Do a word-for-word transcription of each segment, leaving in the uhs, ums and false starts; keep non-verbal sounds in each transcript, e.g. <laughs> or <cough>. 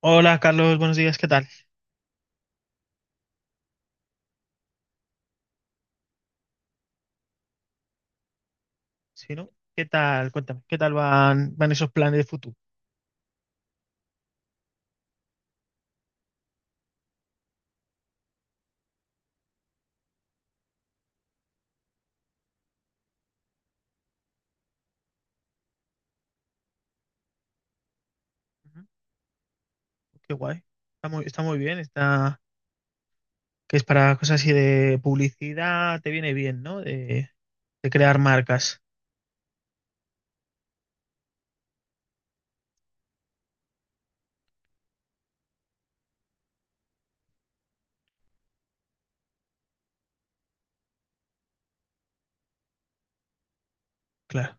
Hola Carlos, buenos días, ¿qué tal? Sí, ¿no? ¿Qué tal? Cuéntame, ¿qué tal van, van esos planes de futuro? Ujú. Qué guay. Está muy, está muy bien, está que es para cosas así de publicidad, te viene bien, ¿no? De, de crear marcas. Claro.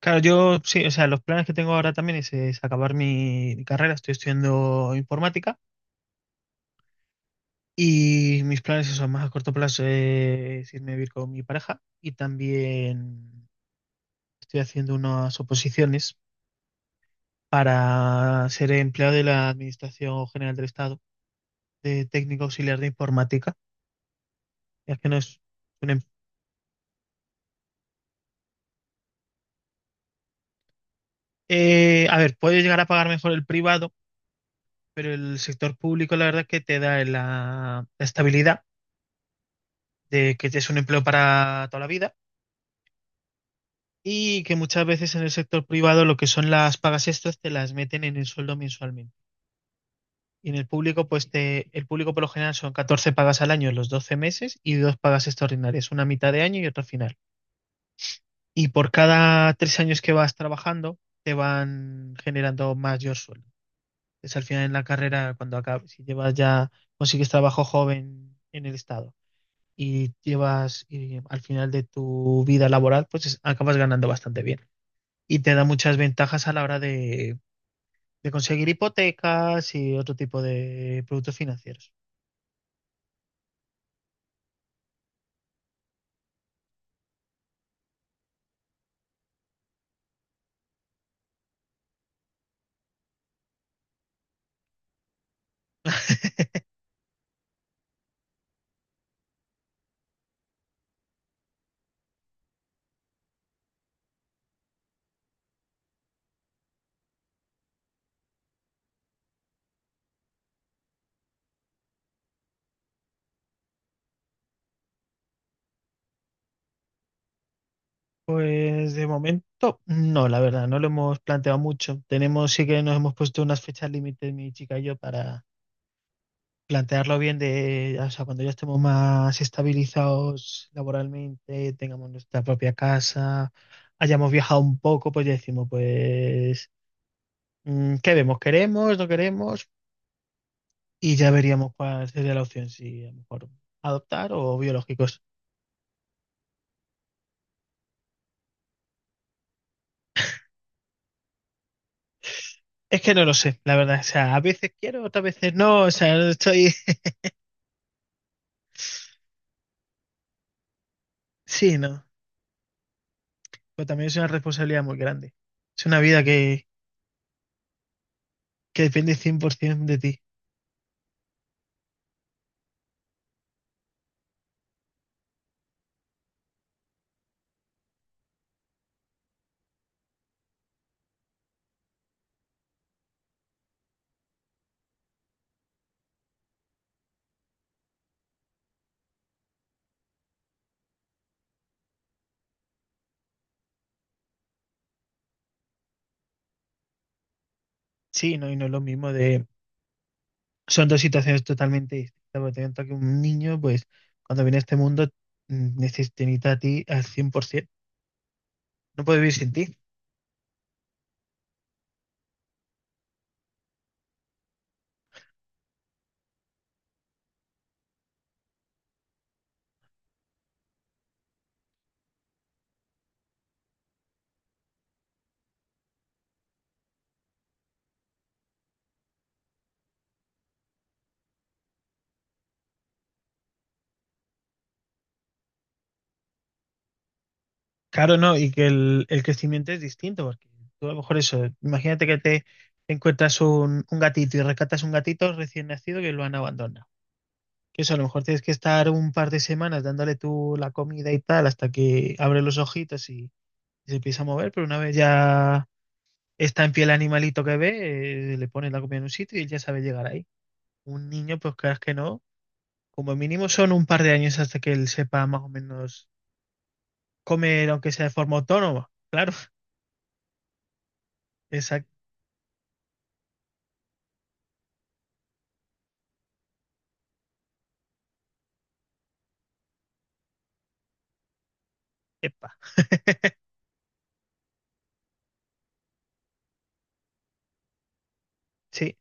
Claro, yo sí, o sea, los planes que tengo ahora también es, es acabar mi, mi carrera, estoy estudiando informática y mis planes son más a corto plazo es irme a vivir con mi pareja y también estoy haciendo unas oposiciones para ser empleado de la Administración General del Estado, de técnico auxiliar de informática. Es que no es un em- eh, a ver, puede llegar a pagar mejor el privado, pero el sector público la verdad es que te da la, la estabilidad de que es un empleo para toda la vida y que muchas veces en el sector privado lo que son las pagas extras te las meten en el sueldo mensualmente. Y en el público, pues te, el público por lo general son catorce pagas al año en los doce meses y dos pagas extraordinarias, una a mitad de año y otra a final. Y por cada tres años que vas trabajando, te van generando mayor sueldo. Es al final en la carrera, cuando acabes, si llevas ya, consigues trabajo joven en el estado y llevas, y al final de tu vida laboral, pues es- acabas ganando bastante bien. Y te da muchas ventajas a la hora de, de conseguir hipotecas y otro tipo de productos financieros. <laughs> Pues de momento, no, la verdad, no lo hemos planteado mucho. Tenemos, sí que nos hemos puesto unas fechas límites, mi chica y yo, para plantearlo bien de, o sea, cuando ya estemos más estabilizados laboralmente, tengamos nuestra propia casa, hayamos viajado un poco, pues ya decimos, pues, mm, ¿qué vemos? ¿Queremos? ¿No queremos? Y ya veríamos cuál sería la opción, si a lo mejor adoptar o biológicos. Es que no lo sé, la verdad. O sea, a veces quiero, otras veces no. O sea, no estoy... <laughs> Sí, no. Pero también es una responsabilidad muy grande. Es una vida que, que depende cien por ciento de ti. Sí, no, y no es lo mismo de... Son dos situaciones totalmente distintas, porque tanto que un niño, pues, cuando viene a este mundo, mm, neces- te necesita a ti al cien por ciento. No puede vivir sin ti. Claro, no, y que el, el crecimiento es distinto, porque tú a lo mejor eso, imagínate que te encuentras un, un gatito y rescatas un gatito recién nacido que lo han abandonado. Que eso, a lo mejor tienes que estar un par de semanas dándole tú la comida y tal hasta que abre los ojitos y se empieza a mover, pero una vez ya está en pie el animalito que ve, eh, le pones la comida en un sitio y él ya sabe llegar. Un niño, pues creas que no. Como mínimo son un par de años hasta que él sepa más o menos comer, aunque sea de forma autónoma. Claro, exacto. Epa. <laughs> Sí,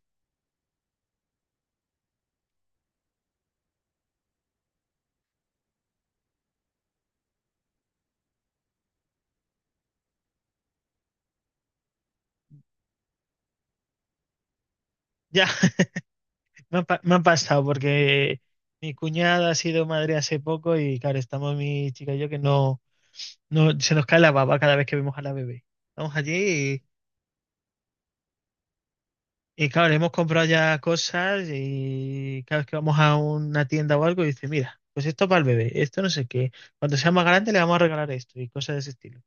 ya, <laughs> me han pa- me ha pasado porque mi cuñada ha sido madre hace poco y claro, estamos mi chica y yo que no, no se nos cae la baba cada vez que vemos a la bebé. Estamos allí. Y claro, le hemos comprado ya cosas y cada vez que vamos a una tienda o algo, dice, mira, pues esto para el bebé, esto no sé qué. Cuando sea más grande le vamos a regalar esto y cosas de ese estilo.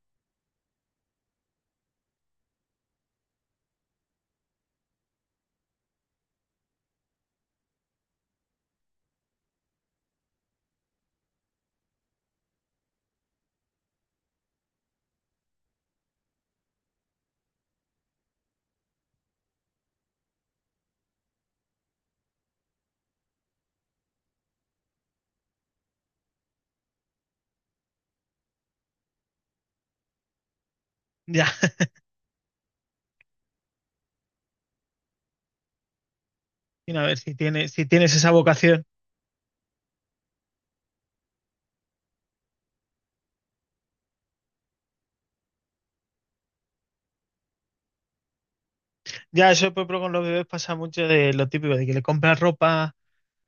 Ya, <laughs> y a ver si tienes, si tienes esa vocación. Ya, eso por ejemplo, con los bebés pasa mucho de lo típico, de que le compras ropa,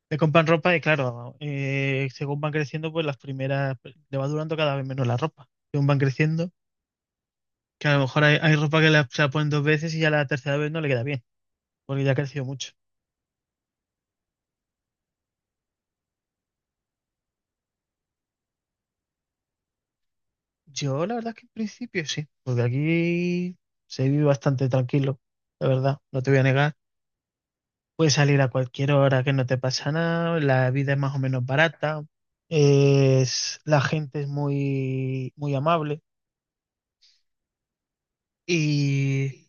le compran ropa y claro, eh, según van creciendo, pues las primeras, pues, le va durando cada vez menos la ropa. Según van creciendo, que a lo mejor hay, hay ropa que la- se la ponen dos veces y ya la tercera vez no le queda bien, porque ya ha crecido mucho. Yo la verdad es que en principio sí, porque aquí se vive bastante tranquilo, la verdad, no te voy a negar. Puedes salir a cualquier hora que no te pasa nada, la vida es más o menos barata, es, la gente es muy, muy amable y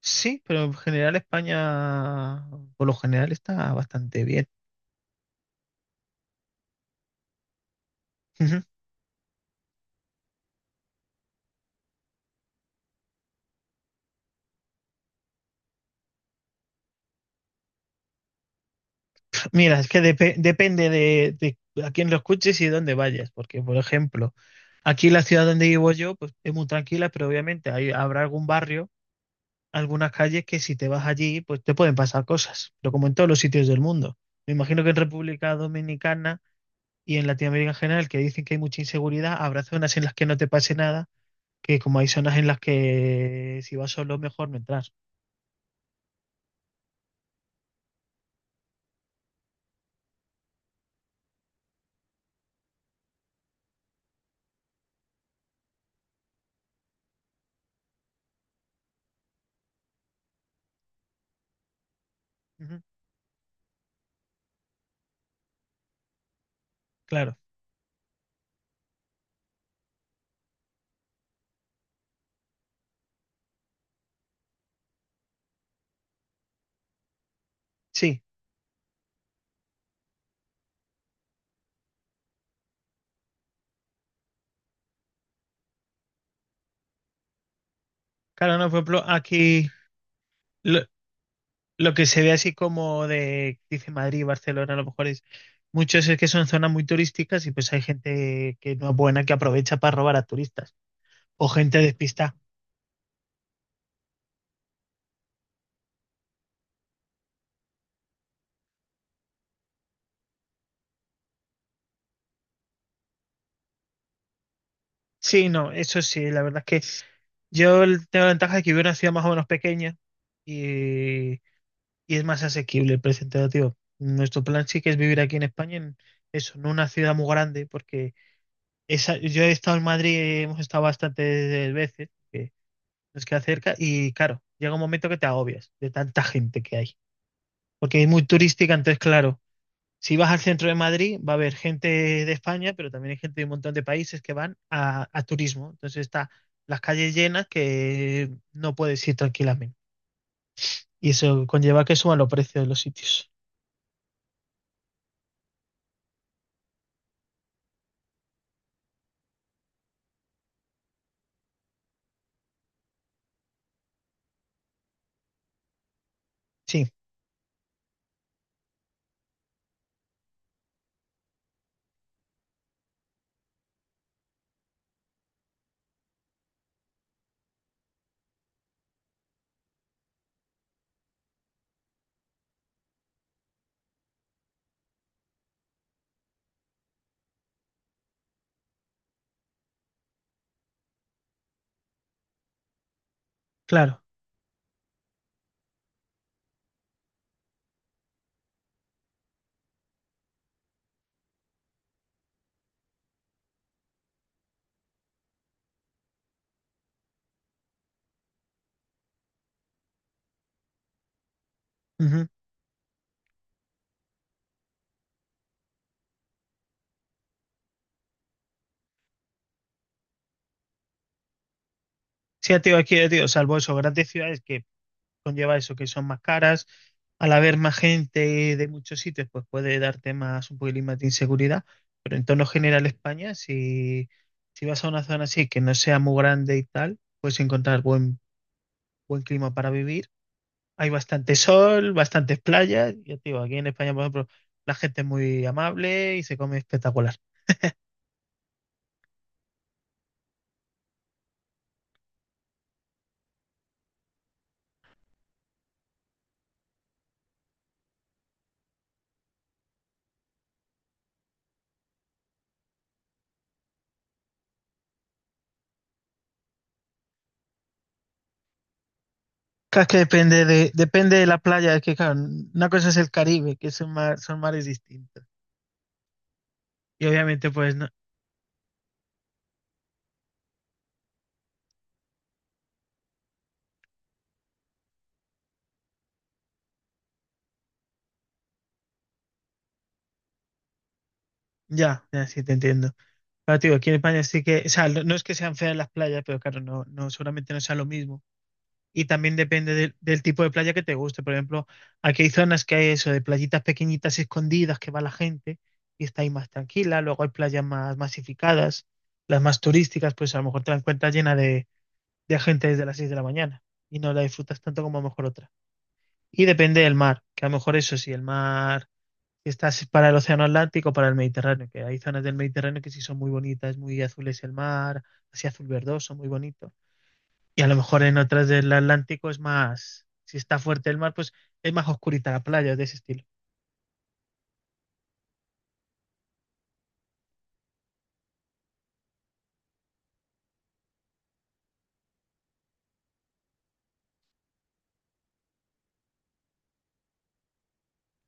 sí, pero en general España, por lo general está bastante bien. <laughs> Mira, es que depe- depende de, de a quién lo escuches y dónde vayas, porque por ejemplo, aquí la ciudad donde vivo yo, pues es muy tranquila, pero obviamente hay, habrá algún barrio, algunas calles que si te vas allí, pues te pueden pasar cosas, pero como en todos los sitios del mundo. Me imagino que en República Dominicana y en Latinoamérica en general, que dicen que hay mucha inseguridad, habrá zonas en las que no te pase nada, que como hay zonas en las que si vas solo, mejor no entrar. Ujú. Claro, sí. Claro, no, por ejemplo, aquí... Lo que se ve así como de, dice Madrid, Barcelona, a lo mejor es muchos es que son zonas muy turísticas y pues hay gente que no es buena que aprovecha para robar a turistas o gente despistada. Sí, no, eso sí, la verdad es que yo el- tengo la ventaja de que vivo en una ciudad más o menos pequeña y, y es más asequible el precio tío. Nuestro plan sí que es vivir aquí en España, en eso, en una ciudad muy grande, porque esa, yo he estado en Madrid, hemos estado bastantes veces. Que nos queda cerca y claro, llega un momento que te agobias de tanta gente que hay, porque es muy turística, entonces claro, si vas al centro de Madrid va a haber gente de España, pero también hay gente de un montón de países que van a, a turismo, entonces está las calles llenas que no puedes ir tranquilamente. Y eso conlleva que suban los precios de los sitios. Sí, claro. Ujú. Sí, tío, aquí, tío, salvo eso, grandes ciudades que conlleva eso, que son más caras. Al haber más gente de muchos sitios, pues puede darte más un poquilín más de inseguridad. Pero en tono general, España, si, si vas a una zona así que no sea muy grande y tal, puedes encontrar buen, buen clima para vivir. Hay bastante sol, bastantes playas. Ya te digo, aquí en España, por ejemplo, la gente es muy amable y se come espectacular. Claro, es que depende de, depende de la playa, es que claro, una cosa es el Caribe, que son, mar- son mares distintos. Y obviamente, pues no, ya, ya sí te entiendo. Claro, te digo, aquí en España sí que, o sea, no no es que sean feas las playas, pero claro, no, no, seguramente no sea lo mismo. Y también depende del, del tipo de playa que te guste. Por ejemplo, aquí hay zonas que hay eso, de playitas pequeñitas escondidas que va la gente y está ahí más tranquila. Luego hay playas más masificadas, las más turísticas, pues a lo mejor te la encuentras llena de, de gente desde las seis de la mañana y no la disfrutas tanto como a lo mejor otra. Y depende del mar, que a lo mejor eso sí, el mar que estás para el Océano Atlántico, para el Mediterráneo, que hay zonas del Mediterráneo que sí son muy bonitas, muy azules el mar, así azul verdoso, muy bonito. Y a lo mejor en otras del Atlántico es más, si está fuerte el mar, pues es más oscurita la playa, de ese estilo.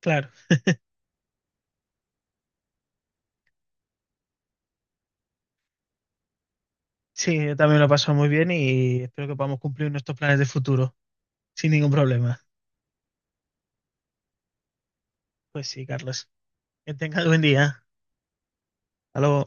Claro, sí, yo también lo paso muy bien y espero que podamos cumplir nuestros planes de futuro sin ningún problema. Pues sí, Carlos, que tengas buen día. Hasta luego.